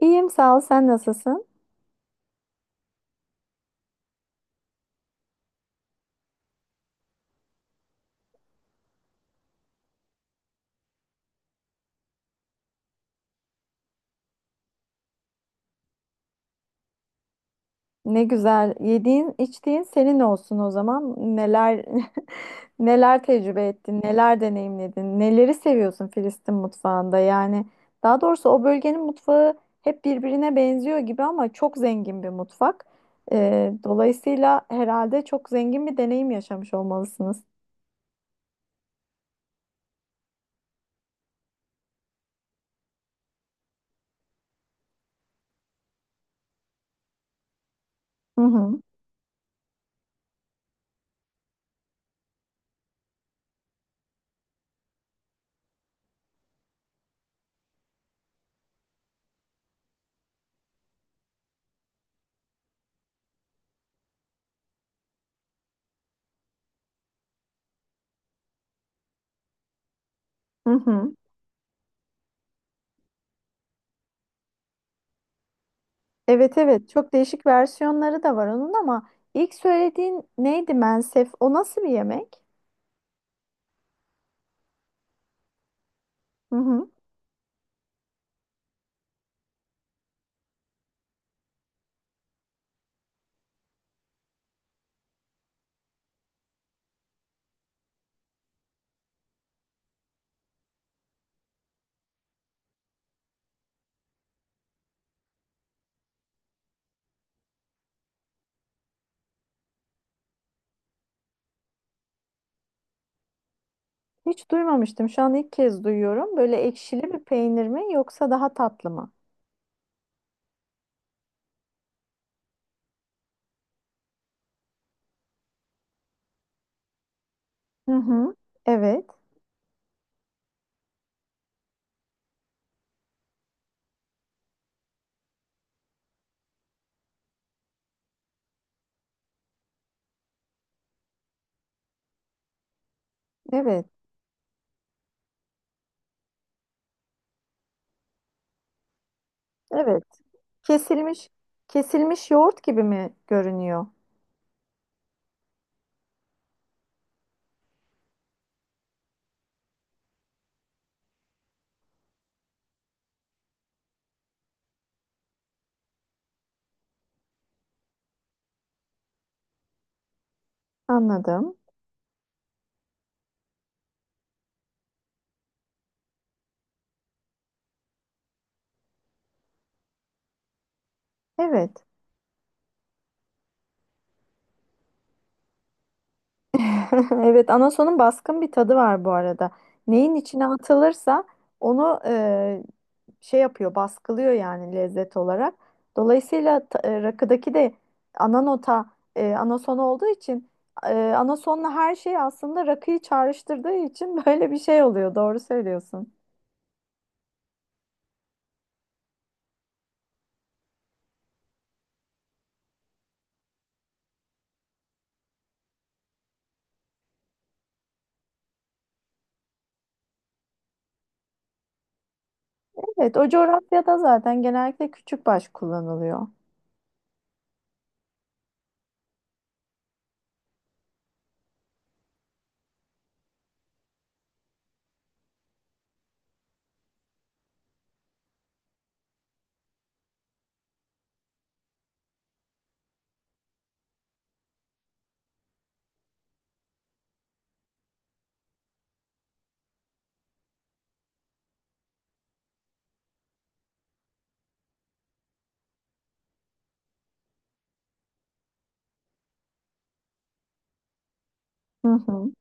İyiyim sağ ol. Sen nasılsın? Ne güzel. Yediğin, içtiğin senin olsun o zaman. Neler neler tecrübe ettin, neler deneyimledin, neleri seviyorsun Filistin mutfağında? Yani daha doğrusu o bölgenin mutfağı hep birbirine benziyor gibi ama çok zengin bir mutfak. Dolayısıyla herhalde çok zengin bir deneyim yaşamış olmalısınız. Hı hı. Hı hı. Evet, evet, çok değişik versiyonları da var onun ama ilk söylediğin neydi, mensef? O nasıl bir yemek? Hı hı. Hiç duymamıştım. Şu an ilk kez duyuyorum. Böyle ekşili bir peynir mi yoksa daha tatlı mı? Hı hı. Evet. Evet. Evet. Kesilmiş kesilmiş yoğurt gibi mi görünüyor? Anladım. Evet. Evet, anasonun baskın bir tadı var bu arada. Neyin içine atılırsa onu şey yapıyor, baskılıyor yani lezzet olarak. Dolayısıyla rakıdaki de ana nota anason olduğu için anasonla her şey aslında rakıyı çağrıştırdığı için böyle bir şey oluyor. Doğru söylüyorsun. Evet, o coğrafyada zaten genellikle küçükbaş kullanılıyor. Hı hı.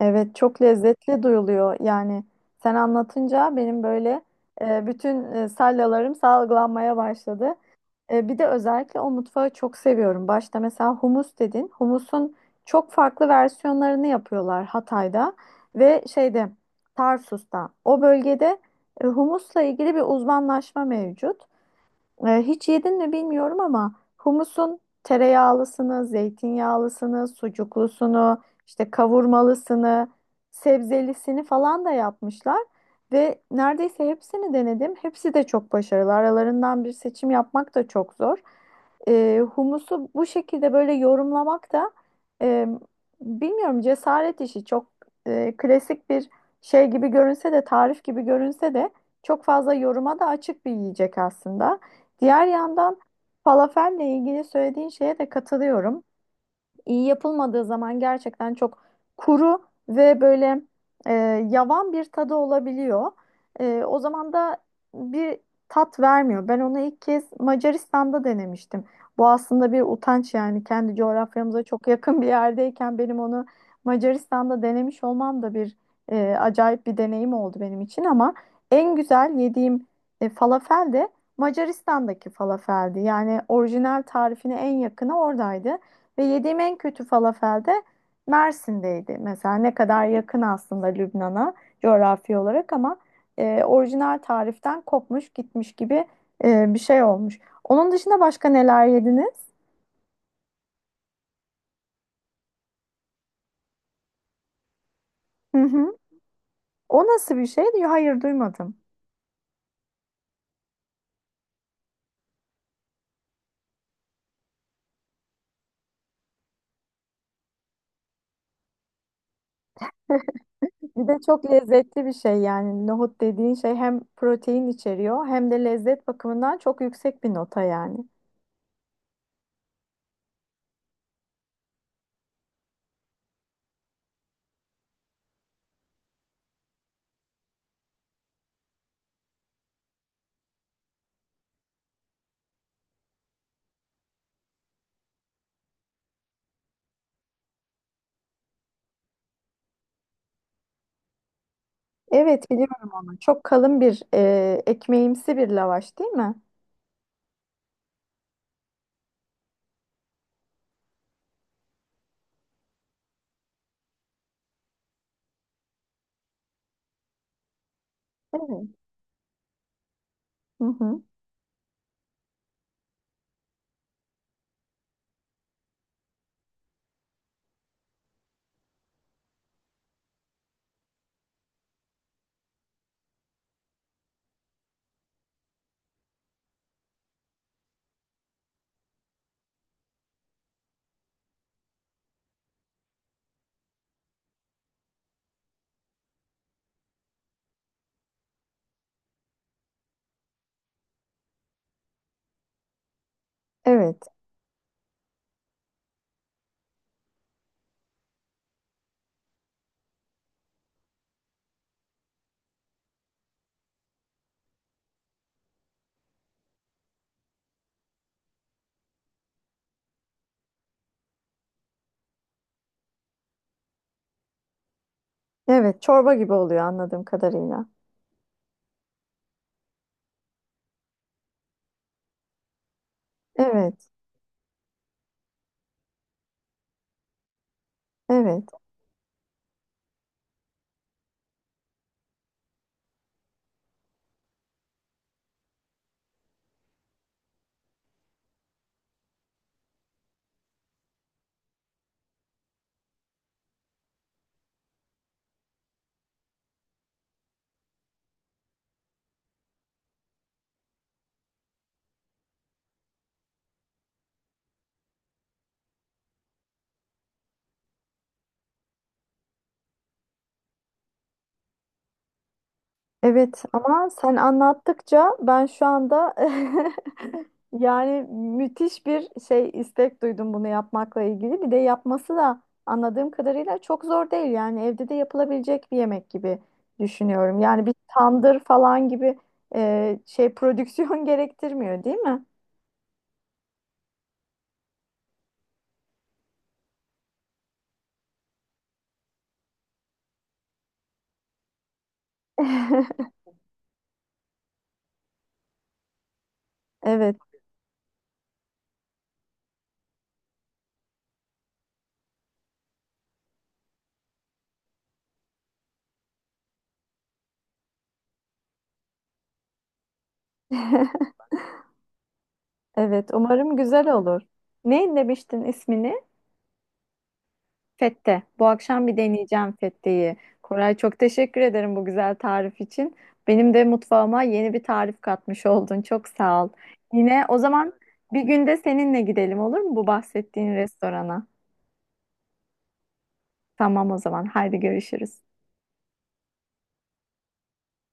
Evet, çok lezzetli duyuluyor. Yani sen anlatınca benim böyle bütün salyalarım salgılanmaya başladı. E, bir de özellikle o mutfağı çok seviyorum. Başta mesela humus dedin. Humusun çok farklı versiyonlarını yapıyorlar Hatay'da ve şeyde, Tarsus'ta. O bölgede humusla ilgili bir uzmanlaşma mevcut. Hiç yedin mi bilmiyorum ama humusun tereyağlısını, zeytinyağlısını, sucuklusunu, işte kavurmalısını, sebzelisini falan da yapmışlar. Ve neredeyse hepsini denedim. Hepsi de çok başarılı. Aralarından bir seçim yapmak da çok zor. Humusu bu şekilde böyle yorumlamak da e, bilmiyorum, cesaret işi. Çok klasik bir şey gibi görünse de, tarif gibi görünse de çok fazla yoruma da açık bir yiyecek aslında. Diğer yandan falafelle ilgili söylediğin şeye de katılıyorum, iyi yapılmadığı zaman gerçekten çok kuru ve böyle e, yavan bir tadı olabiliyor. E, o zaman da bir tat vermiyor. Ben onu ilk kez Macaristan'da denemiştim. Bu aslında bir utanç yani, kendi coğrafyamıza çok yakın bir yerdeyken benim onu Macaristan'da denemiş olmam da bir acayip bir deneyim oldu benim için ama en güzel yediğim falafel de Macaristan'daki falafeldi. Yani orijinal tarifine en yakını oradaydı. Ve yediğim en kötü falafel de Mersin'deydi. Mesela ne kadar yakın aslında Lübnan'a coğrafi olarak ama orijinal tariften kopmuş gitmiş gibi bir şey olmuş. Onun dışında başka neler yediniz? Hı hı. O nasıl bir şey? Hayır, duymadım. Bir de çok lezzetli bir şey yani, nohut dediğin şey hem protein içeriyor hem de lezzet bakımından çok yüksek bir nota yani. Evet, biliyorum onu. Çok kalın bir ekmeğimsi bir lavaş değil mi? Evet. Hı hı. Evet. Evet, çorba gibi oluyor anladığım kadarıyla. Evet, evet, evet, ama sen anlattıkça ben şu anda yani müthiş bir şey, istek duydum bunu yapmakla ilgili. Bir de yapması da anladığım kadarıyla çok zor değil, yani evde de yapılabilecek bir yemek gibi düşünüyorum. Yani bir tandır falan gibi şey, prodüksiyon gerektirmiyor değil mi? Evet. Evet, umarım güzel olur. Ne demiştin ismini? Fette. Bu akşam bir deneyeceğim fetteyi. Koray, çok teşekkür ederim bu güzel tarif için. Benim de mutfağıma yeni bir tarif katmış oldun. Çok sağ ol. Yine o zaman bir günde seninle gidelim, olur mu, bu bahsettiğin restorana? Tamam o zaman. Haydi görüşürüz.